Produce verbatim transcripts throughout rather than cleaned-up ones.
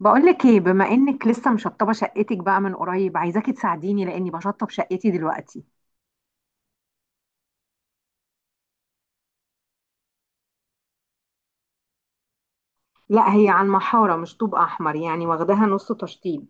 بقولك ايه، بما انك لسه مشطبه شقتك بقى من قريب، عايزاكي تساعديني لاني بشطب شقتي دلوقتي. لا، هي على المحارة مش طوب أحمر، يعني واخداها نص تشطيب.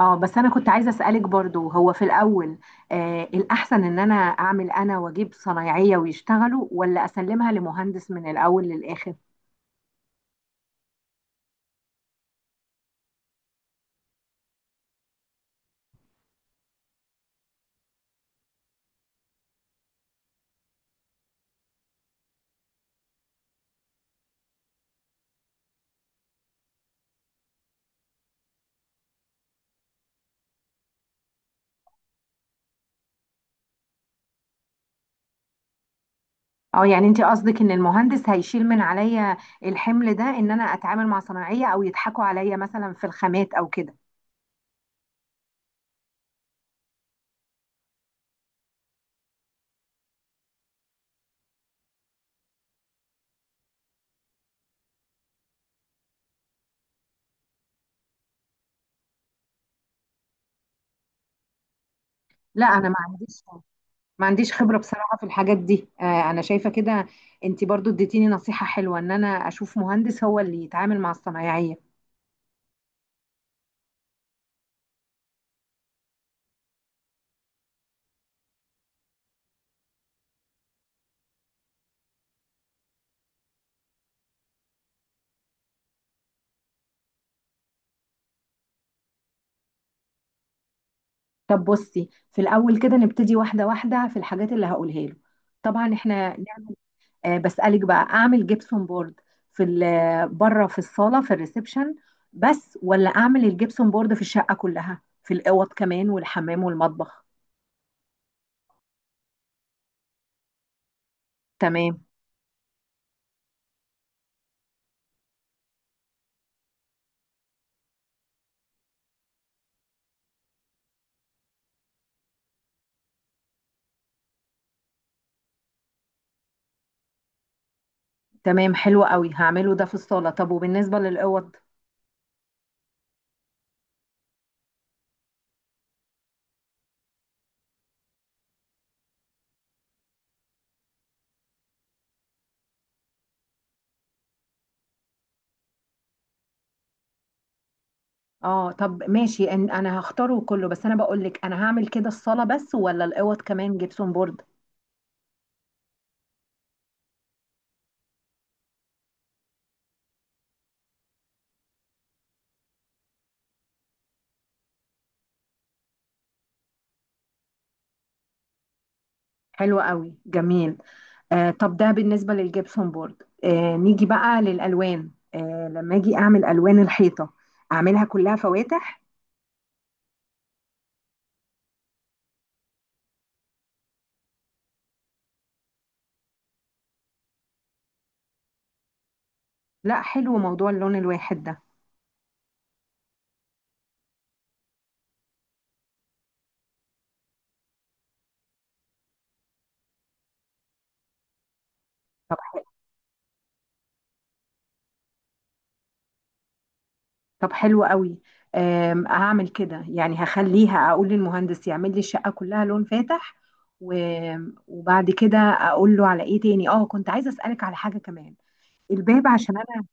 اه بس انا كنت عايزه اسالك برضو، هو في الاول آه الاحسن ان انا اعمل انا واجيب صنايعيه ويشتغلوا، ولا اسلمها لمهندس من الاول للاخر؟ اه، يعني انت قصدك ان المهندس هيشيل من عليا الحمل ده، ان انا اتعامل مع صنايعيه او يضحكوا عليا مثلا في الخامات او كده؟ لا، انا ما عنديش ما عنديش خبرة بصراحة في الحاجات دي. آه، انا شايفة كده. انت برضو اديتيني نصيحة حلوة ان انا اشوف مهندس هو اللي يتعامل مع الصنايعية. طب بصي، في الاول كده نبتدي واحدة واحدة في الحاجات اللي هقولها له. طبعا احنا نعمل. آه، بسألك بقى، اعمل جبسون بورد في ال- بره في الصالة في الريسبشن بس، ولا اعمل الجبسون بورد في الشقة كلها في الاوض كمان والحمام والمطبخ؟ تمام. تمام، حلو قوي، هعمله ده في الصالة. طب وبالنسبة للاوض؟ اه طب ماشي. إن- انا هختاره كله، بس انا بقول لك، انا هعمل كده الصاله بس ولا الاوض كمان جبسون بورد؟ حلو قوي، جميل. آه طب ده بالنسبه للجبسون بورد. آه نيجي بقى للالوان. آه لما اجي اعمل الوان الحيطه، اعملها كلها فواتح؟ لا، حلو موضوع اللون الواحد ده. طب طب حلو قوي. آم، هعمل كده يعني، هخليها اقول للمهندس يعمل لي الشقه كلها لون فاتح. و- وبعد كده اقول له على ايه تاني. اه كنت عايزه اسالك على حاجه كمان، الباب، عشان انا.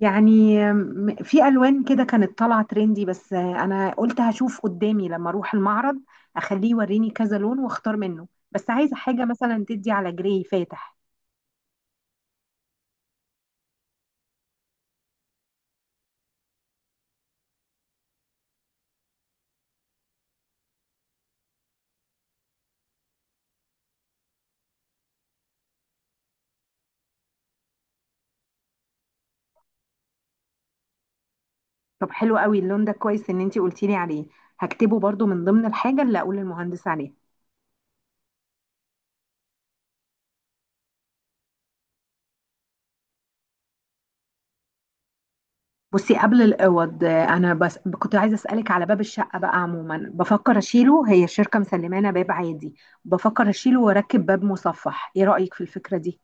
يعني م- في الوان كده كانت طالعه ترندي، بس انا قلت هشوف قدامي لما اروح المعرض، اخليه يوريني كذا لون واختار منه. بس عايزه حاجه مثلا تدي على جراي فاتح. طب حلو قوي، اللون ده كويس ان انتي قلتي لي عليه. هكتبه برضو من ضمن الحاجه اللي اقول للمهندس عليها. بصي قبل الاوض، آه، انا بس كنت عايزه اسالك على باب الشقه. بقى عموما بفكر اشيله، هي الشركه مسلمانا باب عادي. بفكر اشيله واركب باب مصفح، ايه رايك في الفكره دي؟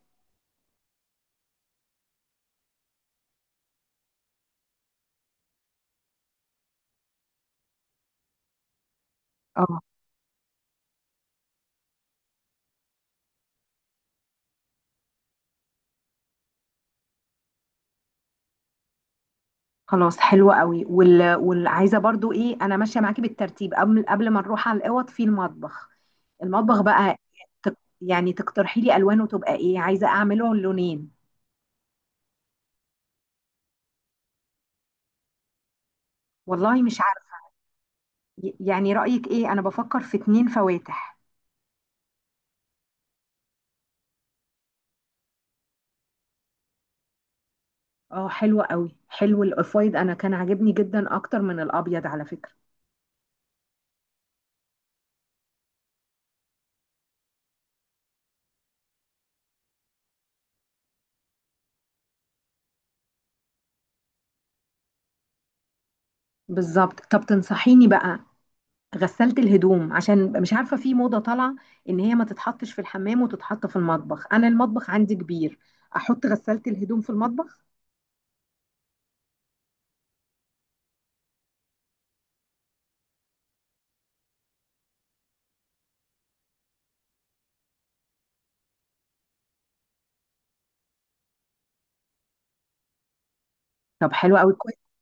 خلاص حلوة قوي. وال... والعايزة برضو ايه، انا ماشية معاكي بالترتيب. قبل قبل ما نروح على الاوض، في المطبخ. المطبخ بقى، تق... يعني تقترحي لي الوانه تبقى ايه، عايزة اعمله لونين؟ والله مش عارفة. ي- يعني رأيك ايه، انا بفكر في اتنين فواتح. اه حلوة قوي، حلو الاوف وايت، انا كان عاجبني جدا اكتر من الابيض على فكرة. بالظبط. طب تنصحيني بقى، غسلت الهدوم، عشان مش عارفه في موضه طالعه ان هي ما تتحطش في الحمام وتتحط في المطبخ. انا المطبخ عندي كبير، احط غسلت الهدوم في المطبخ؟ طب حلو قوي، كويس.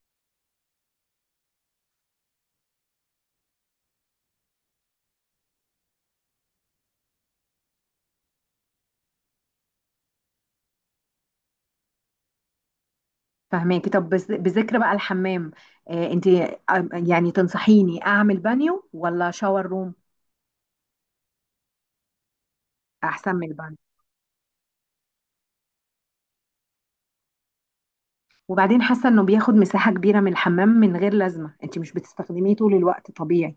فهماكي. طب بس- بذكر بقى الحمام. آه انت، آه، يعني تنصحيني اعمل بانيو ولا شاور روم؟ احسن من البانيو. وبعدين حاسه انه بياخد مساحه كبيره من الحمام من غير لازمه، انت مش بتستخدميه طول الوقت طبيعي.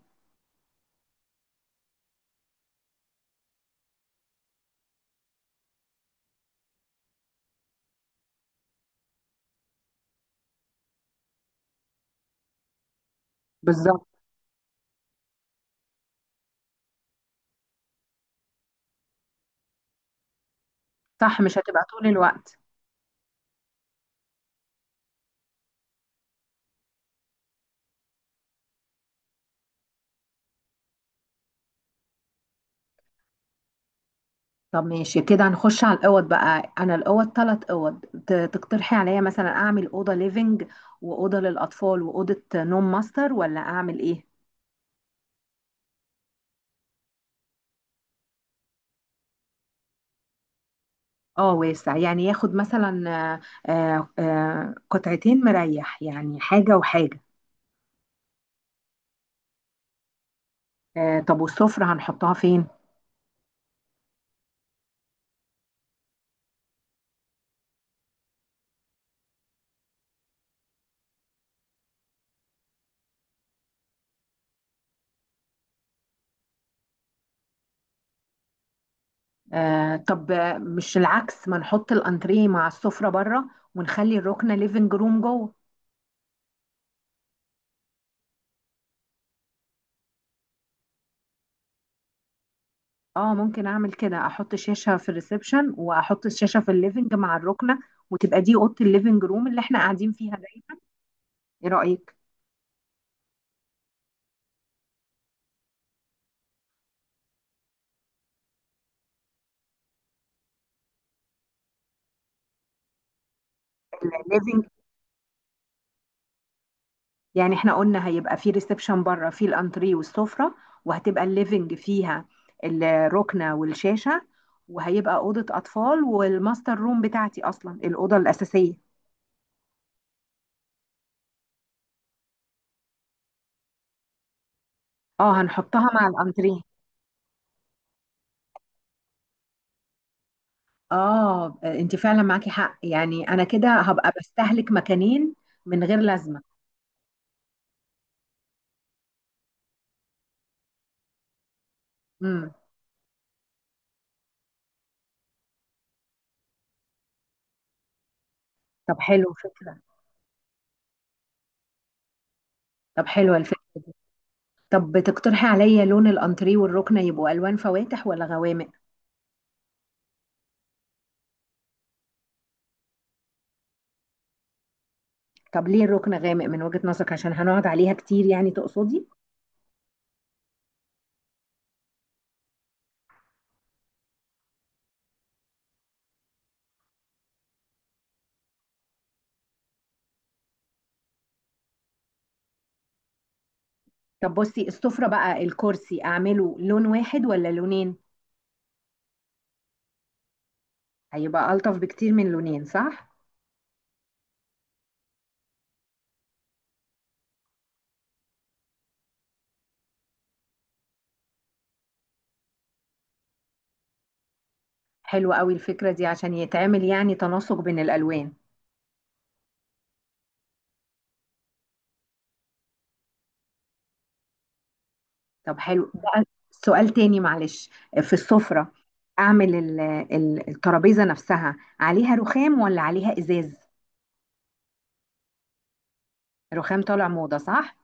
بالظبط. صح، مش هتبقى طول الوقت. طب ماشي كده، هنخش على الاوض بقى. انا الاوض ثلاث اوض، ت- تقترحي عليا مثلا اعمل اوضه ليفنج واوضه للاطفال واوضه نوم ماستر ولا اعمل ايه؟ اه واسع، يعني ياخد مثلا آه، آه، آه، قطعتين مريح، يعني حاجه وحاجه. آه، طب والسفره هنحطها فين؟ آه، طب، آه، مش العكس، ما نحط الانتريه مع السفره بره ونخلي الركنه ليفنج روم جوه؟ اه ممكن اعمل كده، احط شاشة في الريسبشن واحط الشاشة في الليفنج مع الركنة، وتبقى دي اوضة الليفنج روم اللي احنا قاعدين فيها دايما. ايه رأيك؟ الليفنج. يعني احنا قلنا هيبقى في ريسبشن بره، في الانتري والسفرة، وهتبقى الليفنج فيها الركنة والشاشة، وهيبقى أوضة أطفال، والماستر روم بتاعتي أصلا الأوضة الأساسية. اه هنحطها مع الانتريه. اه، انت فعلا معاكي حق، يعني انا كده هبقى بستهلك مكانين من غير لازمة. امم. طب حلو فكرة. طب حلوة الفكرة. طب بتقترحي عليا لون الانتريه والركنة يبقوا الوان فواتح ولا غوامق؟ طب ليه الركنة غامق من وجهة نظرك، عشان هنقعد عليها كتير يعني تقصدي؟ طب بصي السفرة بقى، الكرسي اعمله لون واحد ولا لونين؟ هيبقى الطف بكتير من لونين، صح؟ حلوة قوي الفكرة دي، عشان يتعمل يعني تناسق بين الالوان. طب حلو بقى. سؤال تاني معلش، في السفرة اعمل ال- ال- الترابيزة نفسها عليها رخام ولا عليها ازاز؟ رخام طالع موضة، صح؟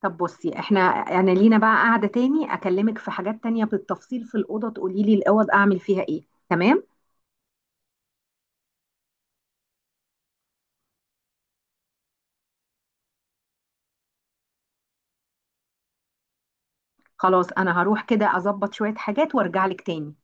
طب بصي، احنا انا لينا بقى قاعدة تاني اكلمك في حاجات تانية بالتفصيل في الأوضة، تقولي لي الأوض اعمل فيها ايه. تمام. خلاص انا هروح كده اظبط شوية حاجات وارجع لك تاني.